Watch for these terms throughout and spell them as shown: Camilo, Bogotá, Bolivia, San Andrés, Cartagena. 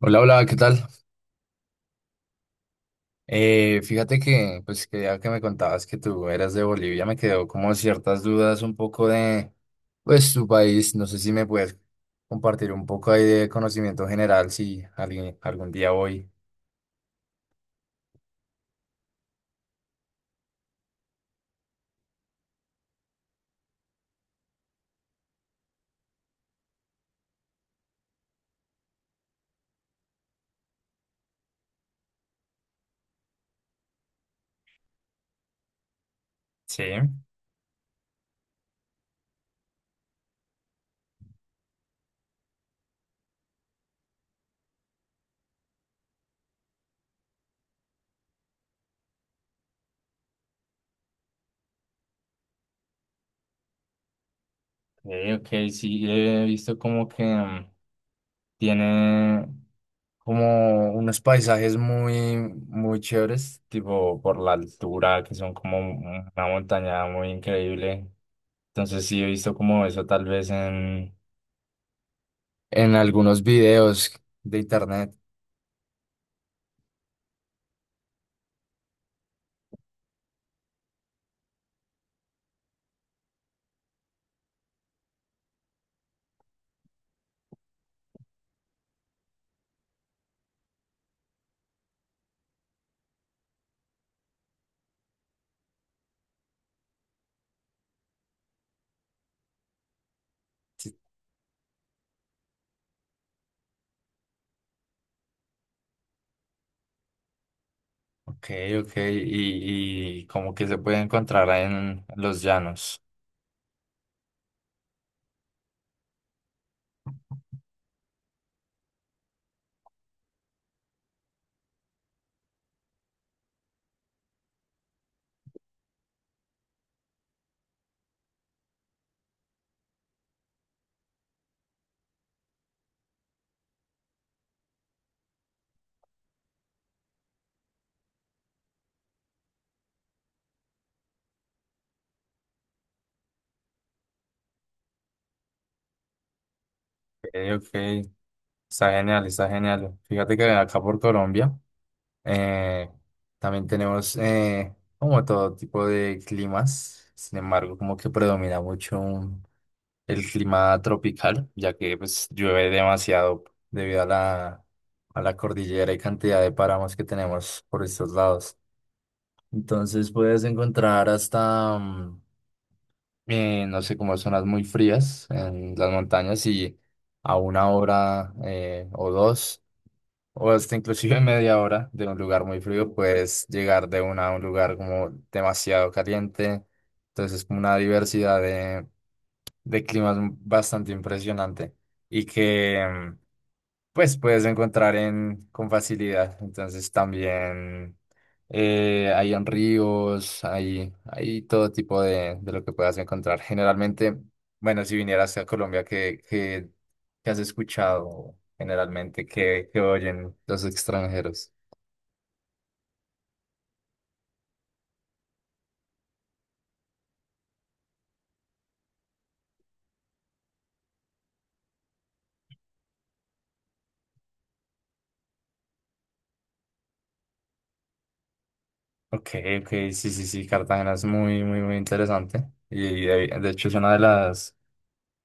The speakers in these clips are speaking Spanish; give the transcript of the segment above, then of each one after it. Hola, hola, ¿qué tal? Fíjate que, pues, que ya que me contabas que tú eras de Bolivia, me quedó como ciertas dudas un poco de, pues, tu país. No sé si me puedes compartir un poco ahí de conocimiento general, si alguien, algún día voy. Sí, ok, ok, sí, he visto como que tiene como unos paisajes muy, muy chéveres, tipo por la altura, que son como una montaña muy increíble. Entonces sí he visto como eso tal vez en algunos videos de internet. Ok, ok, y como que se puede encontrar en los llanos. Ok, ok, está genial, está genial. Fíjate que acá por Colombia. Eh, También tenemos como todo tipo de climas, sin embargo, como que predomina mucho el clima tropical, ya que pues llueve demasiado debido a la cordillera y cantidad de páramos que tenemos por estos lados. Entonces puedes encontrar hasta, no sé, como zonas muy frías en las montañas y a una hora o dos o hasta inclusive media hora de un lugar muy frío, puedes llegar de una a un lugar como demasiado caliente. Entonces es como una diversidad de climas bastante impresionante y que pues puedes encontrar en, con facilidad. Entonces también hay en ríos, hay todo tipo de lo que puedas encontrar. Generalmente, bueno, si vinieras a Colombia, ¿qué, qué, qué has escuchado generalmente? ¿Qué, qué oyen los extranjeros? Ok, ok, sí, sí, sí, Cartagena es muy, muy, muy interesante. Y de hecho es una de las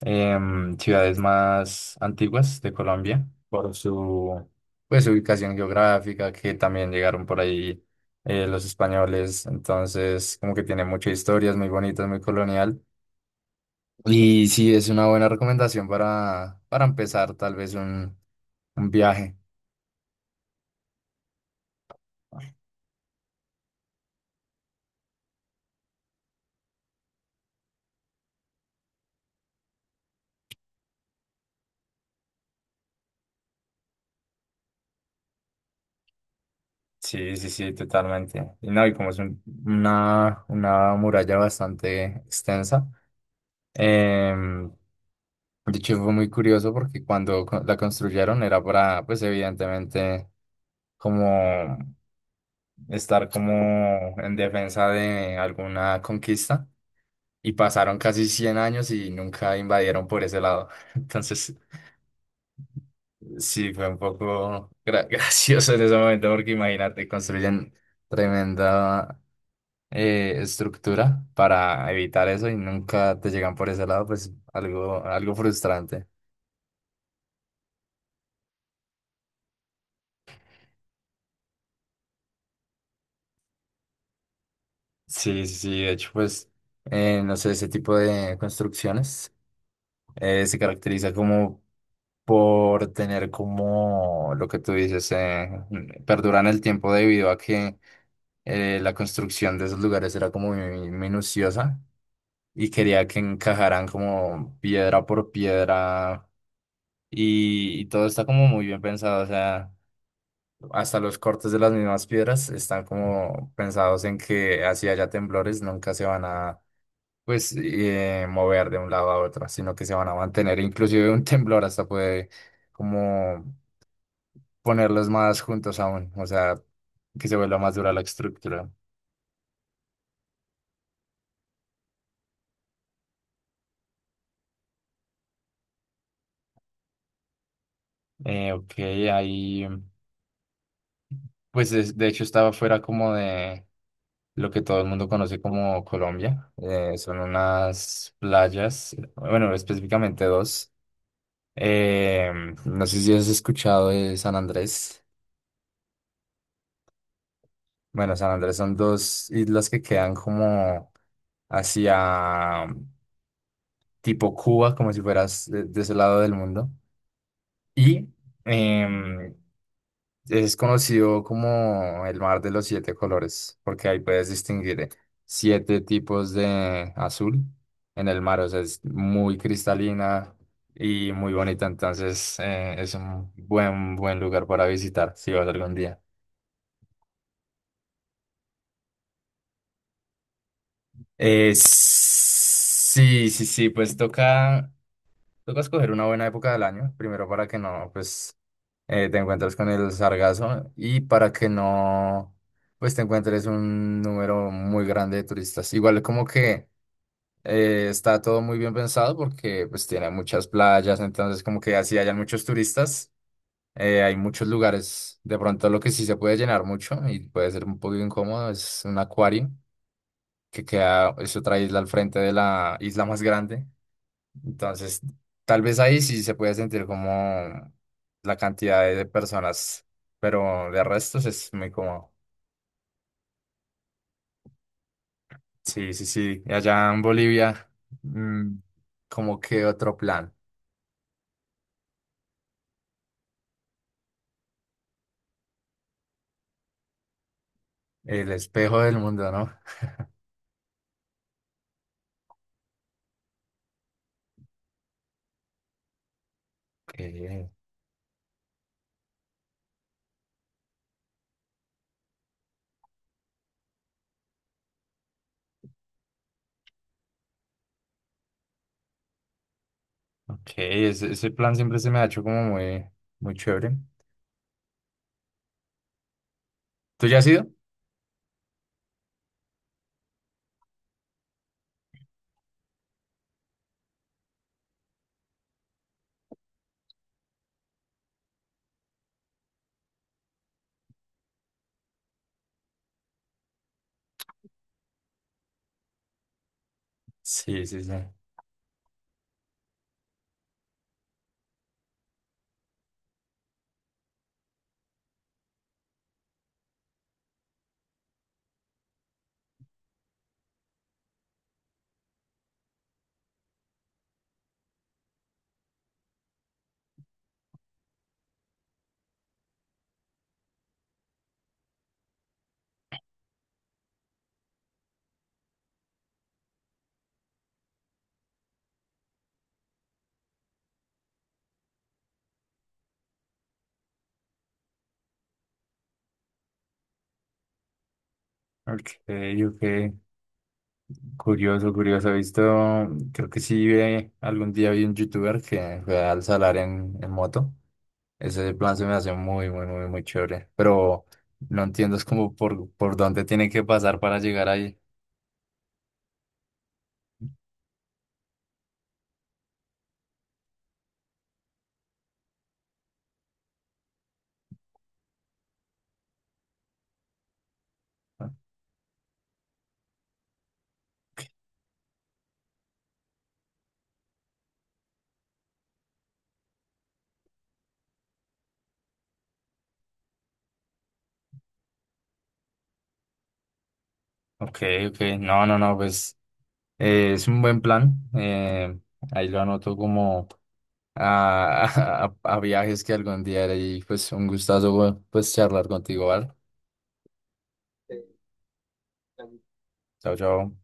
ciudades más antiguas de Colombia por su pues, ubicación geográfica, que también llegaron por ahí los españoles, entonces como que tiene mucha historia, es muy bonita, es muy colonial. Y sí, es una buena recomendación para empezar tal vez un viaje. Sí, sí, sí, totalmente. Y no, y como es una muralla bastante extensa. Em, de hecho, fue muy curioso porque cuando la construyeron era para, pues evidentemente, como estar como en defensa de alguna conquista. Y pasaron casi 100 años y nunca invadieron por ese lado. Entonces, sí, fue un poco gracioso en ese momento porque imagínate, construyen tremenda estructura para evitar eso y nunca te llegan por ese lado, pues algo, algo frustrante. Sí, sí, sí, de hecho, pues, no sé, ese tipo de construcciones se caracteriza como por tener como lo que tú dices, perduran el tiempo debido a que la construcción de esos lugares era como muy minuciosa y quería que encajaran como piedra por piedra y todo está como muy bien pensado, o sea. Hasta los cortes de las mismas piedras están como pensados en que así haya temblores, nunca se van a pues mover de un lado a otro, sino que se van a mantener. Inclusive un temblor hasta puede como ponerlos más juntos aún, o sea, que se vuelva más dura la estructura. Ok, ahí pues de hecho estaba fuera como de lo que todo el mundo conoce como Colombia. Son unas playas, bueno, específicamente dos. Eh, no sé si has escuchado de San Andrés. Bueno, San Andrés son dos islas que quedan como hacia tipo Cuba, como si fueras de ese lado del mundo. Y em, es conocido como el mar de los 7 colores, porque ahí puedes distinguir 7 tipos de azul en el mar. O sea, es muy cristalina y muy bonita. Entonces, es un buen, buen lugar para visitar si vas algún día. Sí, sí, sí, pues toca, toca escoger una buena época del año, primero para que no, pues, te encuentres con el sargazo y para que no, pues, te encuentres un número muy grande de turistas. Igual como que está todo muy bien pensado porque, pues, tiene muchas playas, entonces como que así hayan muchos turistas, hay muchos lugares. De pronto lo que sí se puede llenar mucho y puede ser un poco incómodo es un acuario que queda, es otra isla al frente de la isla más grande. Entonces, tal vez ahí sí se puede sentir como la cantidad de personas, pero de restos es muy cómodo. Sí, sí, sí. Y allá en Bolivia, mm, como que otro plan, el espejo del mundo, ¿no? Ok, ok, ese plan siempre se me ha hecho como muy, muy chévere. ¿Tú ya has ido? Sí, sí, sí. Ok, ok. Curioso, curioso. He visto, creo que sí, algún día vi un youtuber que fue al salar en moto. Ese plan se me hace muy, muy, muy, muy chévere. Pero no entiendo, es como por dónde tiene que pasar para llegar ahí. Ok, ok. No, no, no, pues es un buen plan. Ahí lo anoto como a, a viajes que algún día haré y pues un gustazo pues charlar contigo, ¿vale? Chao, chao.